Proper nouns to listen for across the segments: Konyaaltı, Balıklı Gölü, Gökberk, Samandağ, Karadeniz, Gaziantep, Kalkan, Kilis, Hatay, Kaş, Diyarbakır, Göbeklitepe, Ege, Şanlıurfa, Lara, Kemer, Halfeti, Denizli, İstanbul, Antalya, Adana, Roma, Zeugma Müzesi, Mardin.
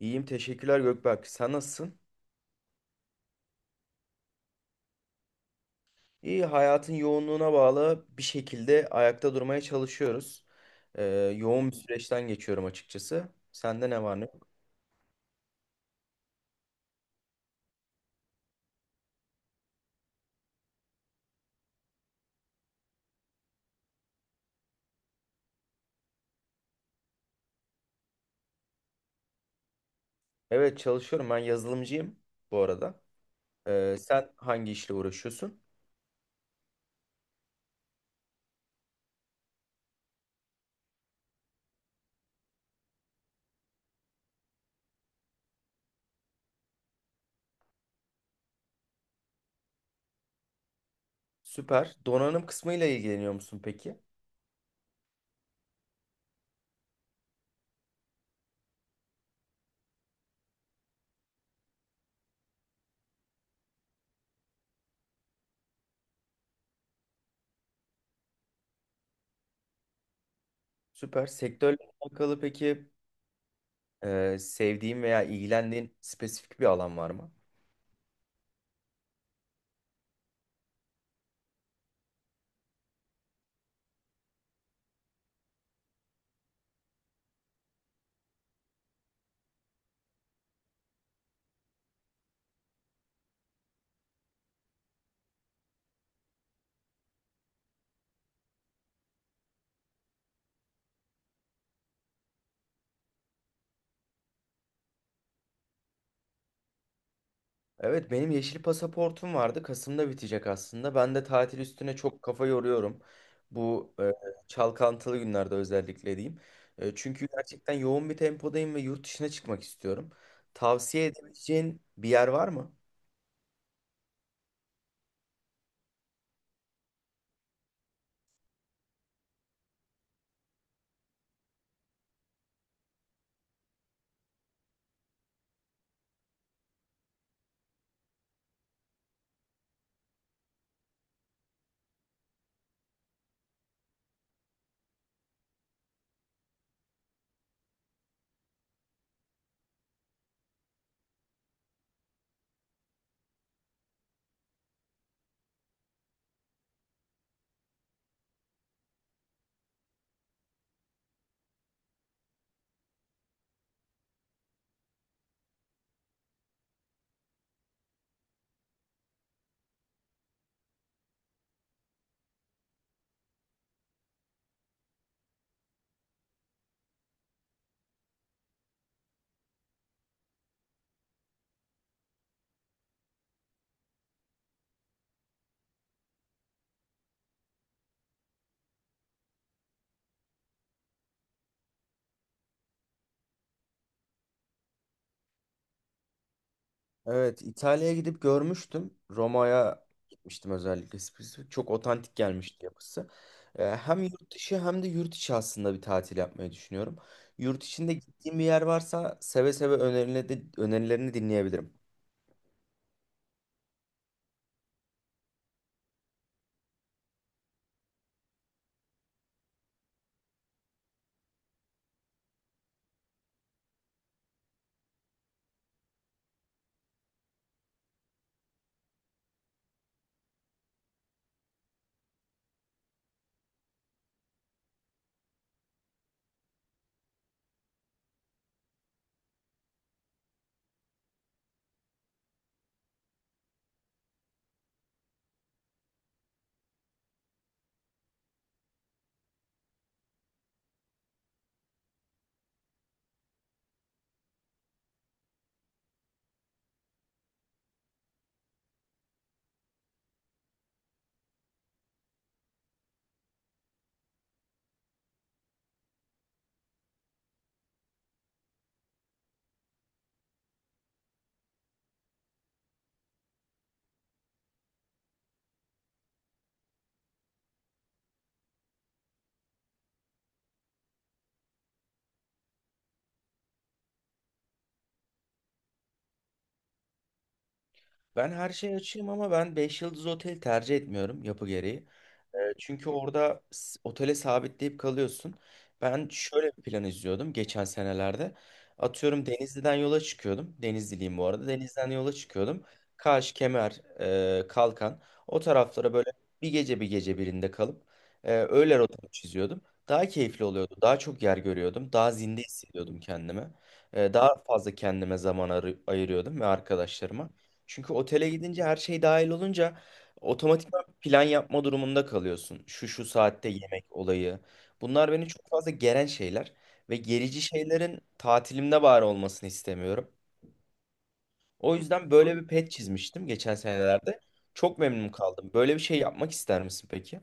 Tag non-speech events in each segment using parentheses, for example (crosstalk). İyiyim teşekkürler Gökberk. Sen nasılsın? İyi hayatın yoğunluğuna bağlı bir şekilde ayakta durmaya çalışıyoruz. Ee, yoğun bir süreçten geçiyorum açıkçası. Sende ne var ne yok? Evet çalışıyorum. Ben yazılımcıyım bu arada. Sen hangi işle uğraşıyorsun? Süper. Donanım kısmıyla ilgileniyor musun peki? Süper. Sektörle alakalı peki sevdiğin veya ilgilendiğin spesifik bir alan var mı? Evet benim yeşil pasaportum vardı. Kasım'da bitecek aslında. Ben de tatil üstüne çok kafa yoruyorum. Bu çalkantılı günlerde özellikle diyeyim. Çünkü gerçekten yoğun bir tempodayım ve yurt dışına çıkmak istiyorum. Tavsiye edebileceğin bir yer var mı? Evet İtalya'ya gidip görmüştüm. Roma'ya gitmiştim özellikle. Spesifik. Çok otantik gelmişti yapısı. Hem yurt dışı hem de yurt içi aslında bir tatil yapmayı düşünüyorum. Yurt içinde gittiğim bir yer varsa seve seve önerilerini dinleyebilirim. Ben her şeyi açayım ama ben 5 yıldız otel tercih etmiyorum yapı gereği. Çünkü orada otele sabitleyip kalıyorsun. Ben şöyle bir plan izliyordum geçen senelerde. Atıyorum Denizli'den yola çıkıyordum. Denizliliyim bu arada. Denizli'den yola çıkıyordum. Kaş, Kemer, Kalkan. O taraflara böyle bir gece birinde kalıp öyle rotamı çiziyordum. Daha keyifli oluyordu. Daha çok yer görüyordum. Daha zinde hissediyordum kendimi. Daha fazla kendime zaman ayırıyordum ve arkadaşlarıma. Çünkü otele gidince her şey dahil olunca otomatik plan yapma durumunda kalıyorsun. Şu şu saatte yemek olayı. Bunlar beni çok fazla geren şeyler ve gerici şeylerin tatilimde bari olmasını istemiyorum. O yüzden böyle bir pet çizmiştim geçen senelerde. Çok memnun kaldım. Böyle bir şey yapmak ister misin peki?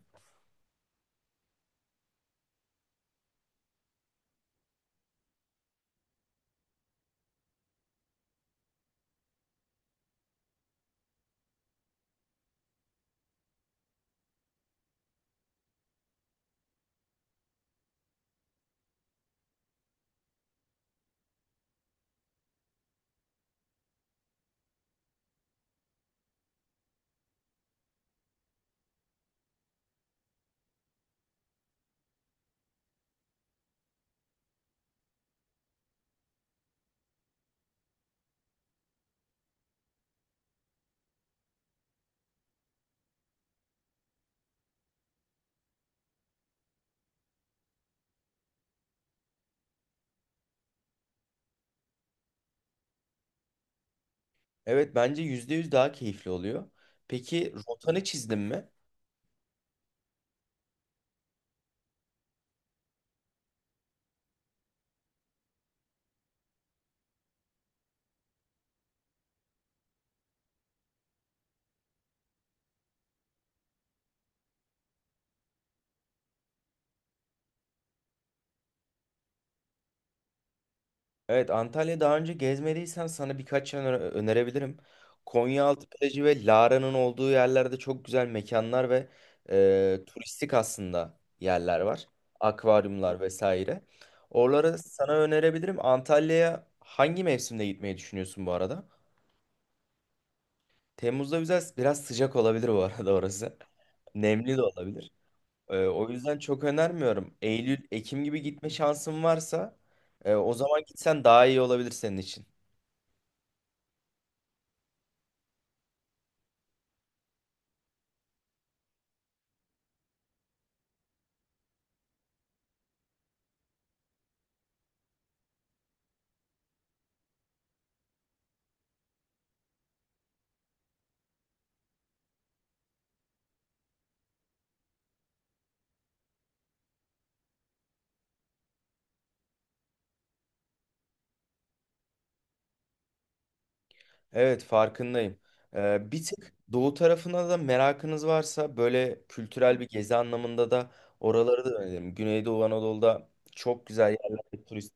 Evet bence %100 daha keyifli oluyor. Peki rotanı çizdin mi? Evet Antalya daha önce gezmediysen sana birkaç yer önerebilirim. Konyaaltı plajı ve Lara'nın olduğu yerlerde çok güzel mekanlar ve turistik aslında yerler var. Akvaryumlar vesaire. Oraları sana önerebilirim. Antalya'ya hangi mevsimde gitmeyi düşünüyorsun bu arada? Temmuz'da güzel, biraz sıcak olabilir bu arada orası. (laughs) Nemli de olabilir. O yüzden çok önermiyorum. Eylül, Ekim gibi gitme şansın varsa o zaman gitsen daha iyi olabilir senin için. Evet farkındayım. Bir tık doğu tarafına da merakınız varsa böyle kültürel bir gezi anlamında da oraları da öneririm. Güneydoğu Anadolu'da çok güzel yerler turist.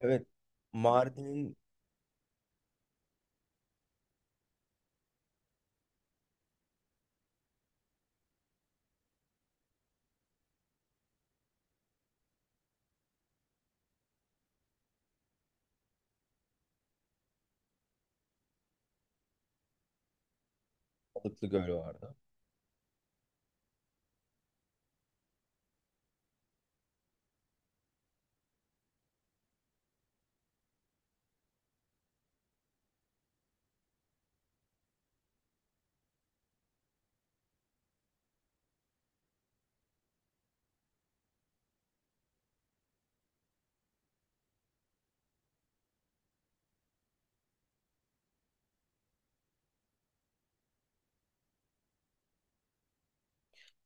Evet. Mardin'in Balıklı Gölü vardı.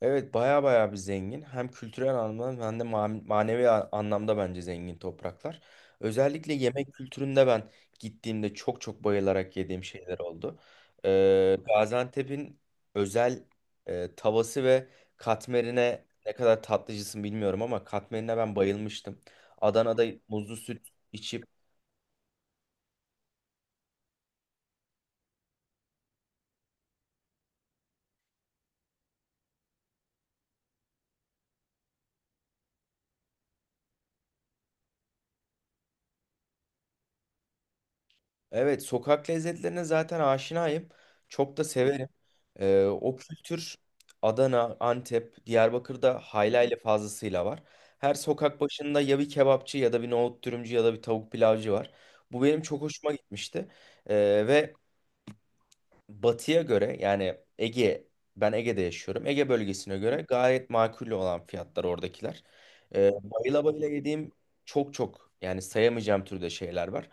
Evet baya baya bir zengin. Hem kültürel anlamda hem de manevi anlamda bence zengin topraklar. Özellikle yemek kültüründe ben gittiğimde çok çok bayılarak yediğim şeyler oldu. Gaziantep'in özel tavası ve katmerine ne kadar tatlıcısın bilmiyorum ama katmerine ben bayılmıştım. Adana'da muzlu süt içip. Evet, sokak lezzetlerine zaten aşinayım. Çok da severim. O kültür Adana, Antep, Diyarbakır'da haylayla fazlasıyla var. Her sokak başında ya bir kebapçı ya da bir nohut dürümcü ya da bir tavuk pilavcı var. Bu benim çok hoşuma gitmişti. Ee, ve Batı'ya göre yani Ege, ben Ege'de yaşıyorum. Ege bölgesine göre gayet makul olan fiyatlar oradakiler. Bayıla bayıla yediğim çok çok yani sayamayacağım türde şeyler var.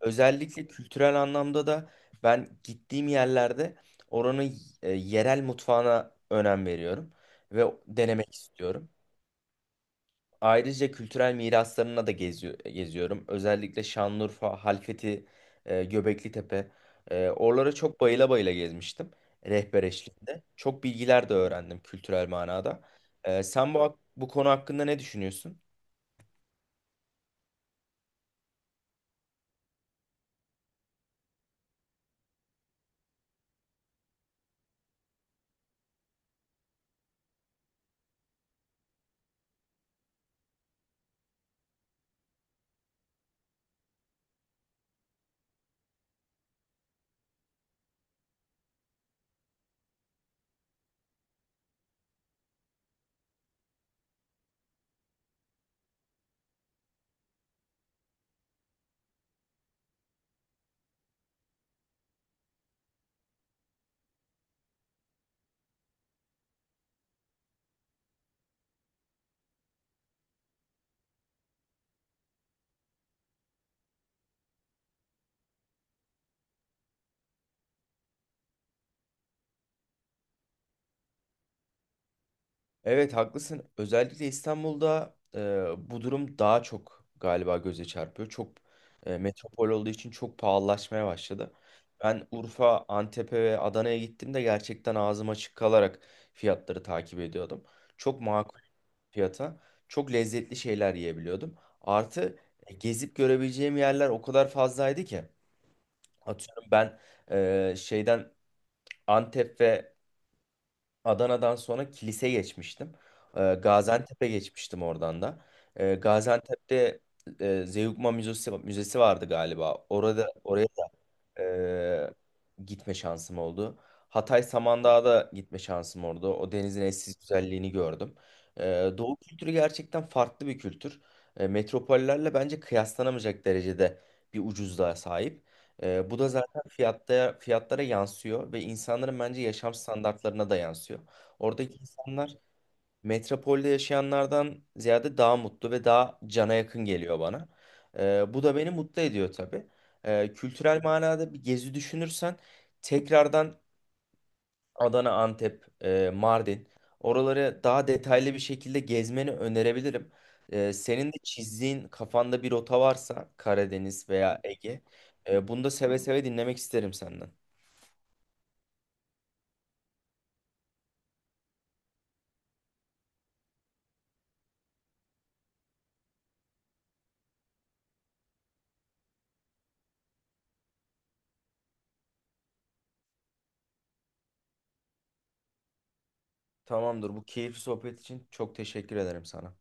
Özellikle kültürel anlamda da ben gittiğim yerlerde oranın yerel mutfağına önem veriyorum ve denemek istiyorum. Ayrıca kültürel miraslarına da geziyorum. Özellikle Şanlıurfa, Halfeti, Göbeklitepe. Oralara çok bayıla bayıla gezmiştim. Rehber eşliğinde. Çok bilgiler de öğrendim kültürel manada. Sen bu konu hakkında ne düşünüyorsun? Evet haklısın. Özellikle İstanbul'da bu durum daha çok galiba göze çarpıyor. Çok metropol olduğu için çok pahalılaşmaya başladı. Ben Urfa, Antep'e ve Adana'ya gittiğimde gerçekten ağzım açık kalarak fiyatları takip ediyordum. Çok makul fiyata, çok lezzetli şeyler yiyebiliyordum. Artı gezip görebileceğim yerler o kadar fazlaydı ki. Atıyorum ben şeyden Antep ve Adana'dan sonra Kilis'e geçmiştim. Gaziantep'e geçmiştim oradan da. Gaziantep'te Zeugma Müzesi vardı galiba. Orada oraya ee, gitme şansım oldu. Hatay Samandağ'da gitme şansım oldu. O denizin eşsiz güzelliğini gördüm. Doğu kültürü gerçekten farklı bir kültür. Metropollerle bence kıyaslanamayacak derecede bir ucuzluğa sahip. Bu da zaten fiyatlara yansıyor ve insanların bence yaşam standartlarına da yansıyor. Oradaki insanlar metropolde yaşayanlardan ziyade daha mutlu ve daha cana yakın geliyor bana. Bu da beni mutlu ediyor tabii. Kültürel manada bir gezi düşünürsen tekrardan Adana, Antep, Mardin oraları daha detaylı bir şekilde gezmeni önerebilirim. Senin de çizdiğin kafanda bir rota varsa Karadeniz veya Ege, bunu da seve seve dinlemek isterim senden. Tamamdır. Bu keyifli sohbet için çok teşekkür ederim sana.